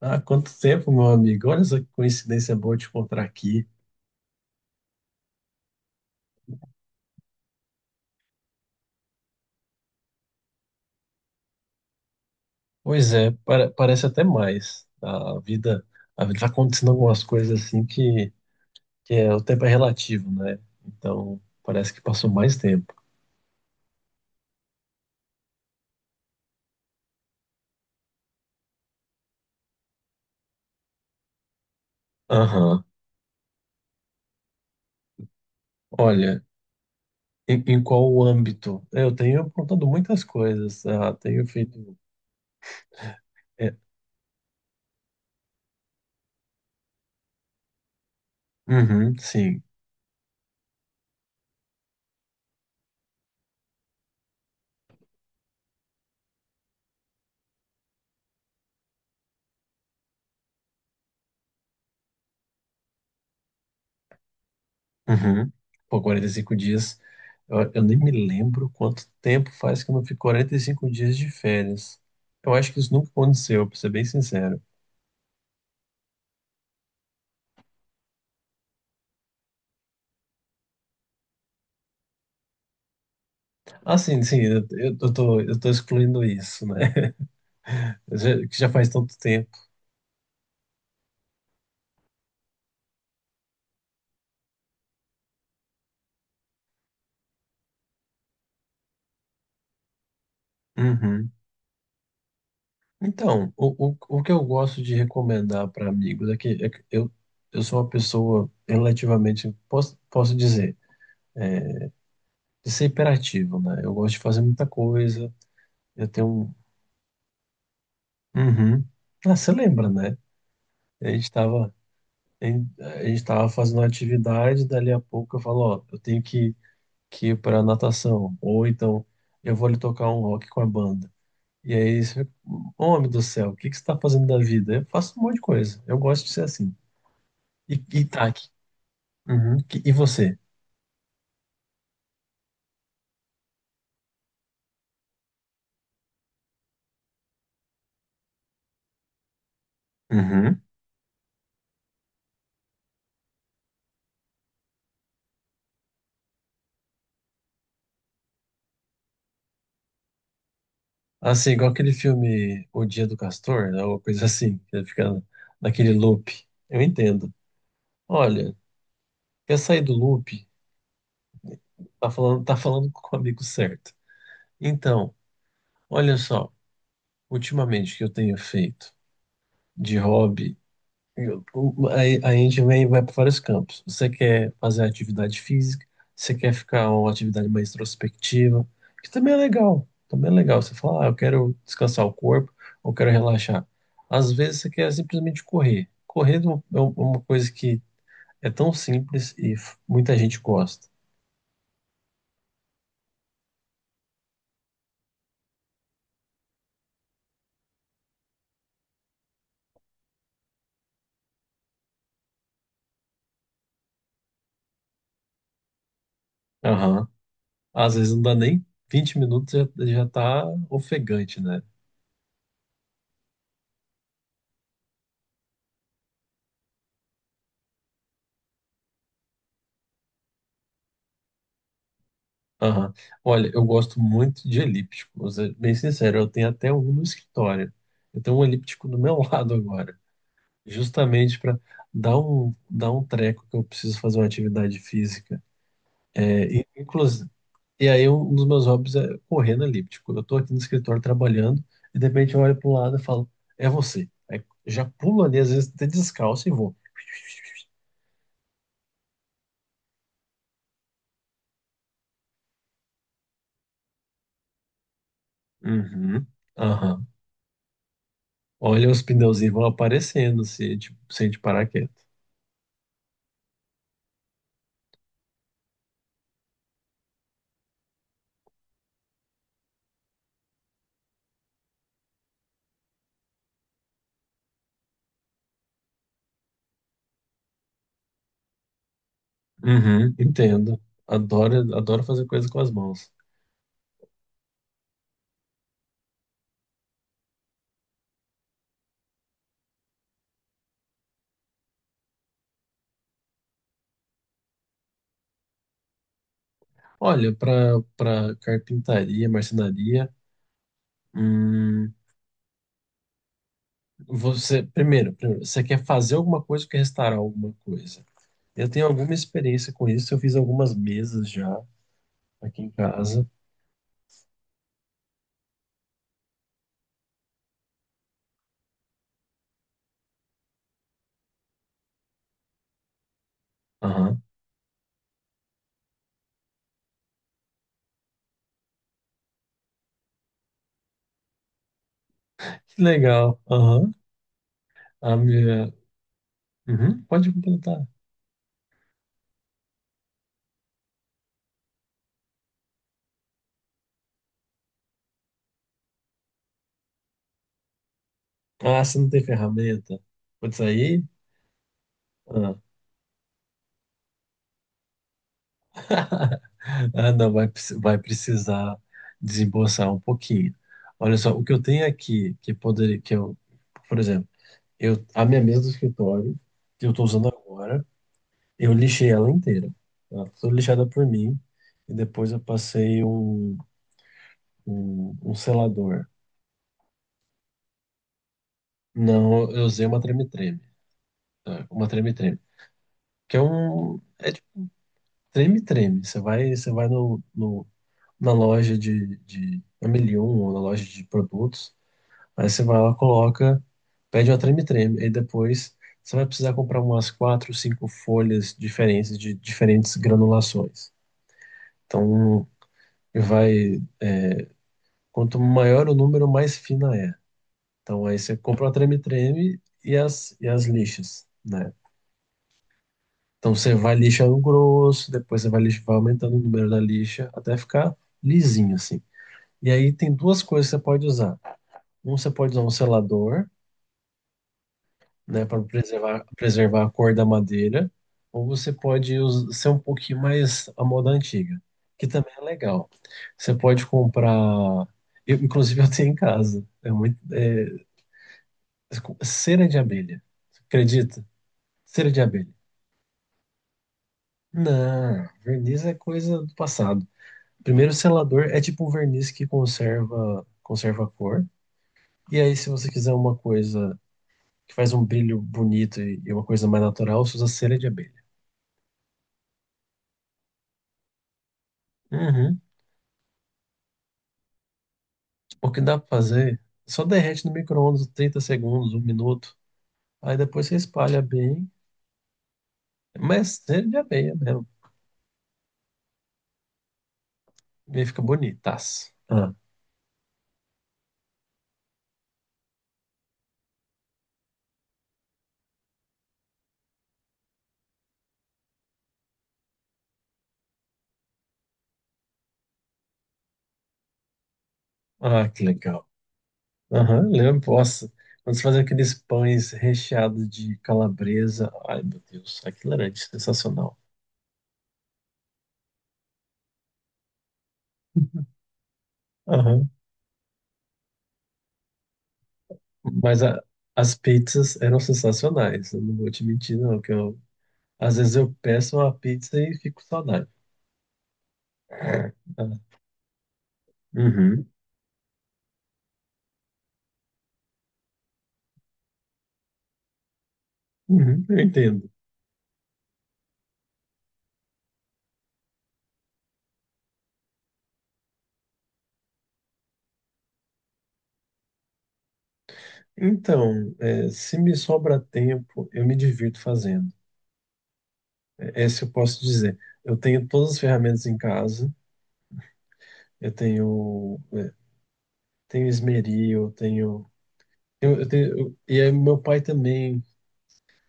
Ah, quanto tempo, meu amigo. Olha essa coincidência boa te encontrar aqui. Pois é, parece até mais. A vida tá acontecendo algumas coisas assim que é, o tempo é relativo, né? Então, parece que passou mais tempo. Aham. Olha, em qual âmbito? Eu tenho aprontado muitas coisas. Ah, tenho feito. É. Uhum. Sim. Uhum. Pô, 45 dias. Eu nem me lembro quanto tempo faz que eu não fico 45 dias de férias. Eu acho que isso nunca aconteceu, pra ser bem sincero. Ah, sim, sim, eu tô excluindo isso, né? Que já faz tanto tempo. Uhum. Então, o que eu gosto de recomendar para amigos é que eu sou uma pessoa relativamente, posso dizer, de ser hiperativo, né? Eu gosto de fazer muita coisa, eu tenho um. Uhum. Ah, você lembra, né? A gente estava fazendo uma atividade, dali a pouco eu falo, ó, eu tenho que ir para natação, ou então eu vou lhe tocar um rock com a banda. E aí, você fica, homem do céu, o que que você está fazendo da vida? Eu faço um monte de coisa, eu gosto de ser assim. E tá. Uhum. E você? Uhum. Assim, igual aquele filme O Dia do Castor, né, uma coisa assim, que ele fica naquele loop. Eu entendo. Olha, quer sair do loop? Tá falando com o amigo certo. Então, olha só. Ultimamente que eu tenho feito de hobby, eu- o- a, a gente vem, vai para vários campos. Você quer fazer atividade física, você quer ficar uma atividade mais introspectiva, que também é legal. Também é legal. Você fala, ah, eu quero descansar o corpo, ou quero relaxar. Às vezes você quer simplesmente correr. Correr é uma coisa que é tão simples e muita gente gosta. Aham. Às vezes não dá nem 20 minutos, já tá ofegante, né? Aham. Olha, eu gosto muito de elíptico, vou ser bem sincero, eu tenho até um no escritório. Eu tenho um elíptico do meu lado agora, justamente para dar um treco que eu preciso fazer uma atividade física. É, e, inclusive, e aí um dos meus hobbies é correr no elíptico. Eu tô aqui no escritório trabalhando e de repente eu olho pro lado e falo, é você. Aí já pulo ali, às vezes até descalço e vou. Uhum. Aham. Olha, os pneuzinhos vão aparecendo se a gente parar aqui. Uhum, entendo. Adoro, adoro fazer coisa com as mãos. Olha, para carpintaria, marcenaria, hum, você primeiro, primeiro, você quer fazer alguma coisa ou quer restaurar alguma coisa? Eu tenho alguma experiência com isso. Eu fiz algumas mesas já aqui em casa. Aham. Que legal. Aham. A minha. Uhum, pode completar. Ah, você não tem ferramenta? Pode sair? Ah. Ah, não, vai, vai precisar desembolsar um pouquinho. Olha só, o que eu tenho aqui, que poderia, que eu, por exemplo, eu, a minha mesa do escritório, que eu estou usando agora, eu lixei ela inteira. Ela foi lixada por mim, e depois eu passei um selador. Não, eu usei uma treme-treme, tá? Uma treme-treme, que é de treme-treme. Você vai no, no, na loja de Amelion, ou na loja de produtos. Aí você vai lá, coloca, pede uma treme-treme. Aí depois você vai precisar comprar umas quatro, cinco folhas diferentes de diferentes granulações. Então vai, quanto maior o número, mais fina é. Então aí você compra a treme-treme e as lixas, né? Então você vai lixando grosso, depois você vai aumentando o número da lixa até ficar lisinho assim. E aí tem duas coisas que você pode usar. Um, você pode usar um selador, né, para preservar, preservar a cor da madeira, ou você pode ser um pouquinho mais a moda antiga, que também é legal. Você pode comprar, eu, inclusive eu tenho em casa, é muito, é, cera de abelha. Você acredita? Cera de abelha. Não, verniz é coisa do passado. Primeiro, o selador é tipo um verniz que conserva, conserva a cor. E aí, se você quiser uma coisa que faz um brilho bonito e uma coisa mais natural, você usa cera de abelha. Uhum. O que dá pra fazer? Só derrete no micro-ondas 30 segundos, um minuto. Aí depois você espalha bem. Mas ele já meia mesmo. E aí fica bonitaço. Ah, que legal. Aham, lembro. Nossa, quando você faz aqueles pães recheados de calabresa. Ai, meu Deus, aquilo era sensacional. Aham. Mas as pizzas eram sensacionais. Eu não vou te mentir, não. Às vezes eu peço uma pizza e fico com saudade. Ah, uhum, uhum, eu entendo. Então, é, se me sobra tempo, eu me divirto fazendo. É, essa eu posso dizer. Eu tenho todas as ferramentas em casa. Eu tenho, é, tenho esmeril, e aí meu pai também.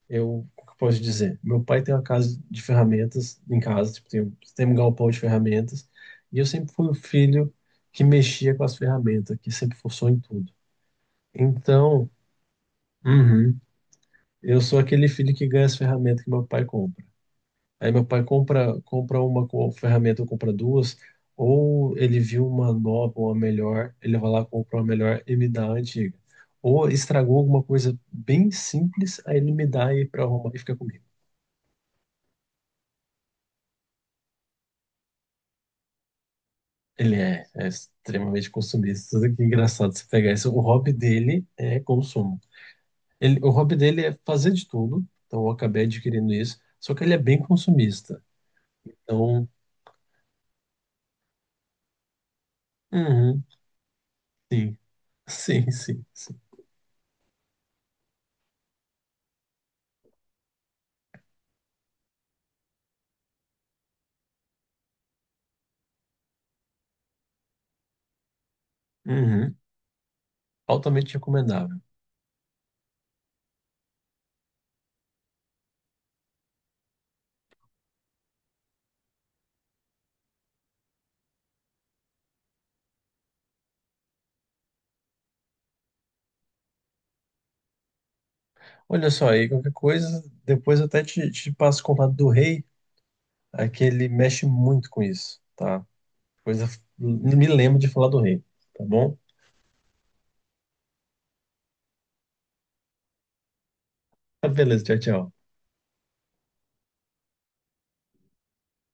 O que eu posso dizer? Meu pai tem uma casa de ferramentas em casa, tipo, tem um galpão de ferramentas. E eu sempre fui o filho que mexia com as ferramentas, que sempre forçou em tudo. Então, uhum, eu sou aquele filho que ganha as ferramentas que meu pai compra. Aí meu pai compra uma ferramenta, ou compra duas, ou ele viu uma nova, uma melhor, ele vai lá, compra uma melhor e me dá a antiga. Ou estragou alguma coisa bem simples, aí ele me dá e para arrumar e fica comigo. Ele é extremamente consumista. Tudo. Que é engraçado você pegar isso. O hobby dele é consumo. Ele, o hobby dele é fazer de tudo, então eu acabei adquirindo isso, só que ele é bem consumista. Então, uhum, sim, sim, sim, sim. Uhum. Altamente recomendável. Olha só aí, qualquer coisa, depois eu até te passo o contato do rei, é que ele mexe muito com isso, tá? Coisa, me lembro de falar do rei, tá bom? Beleza, tchau, tchau.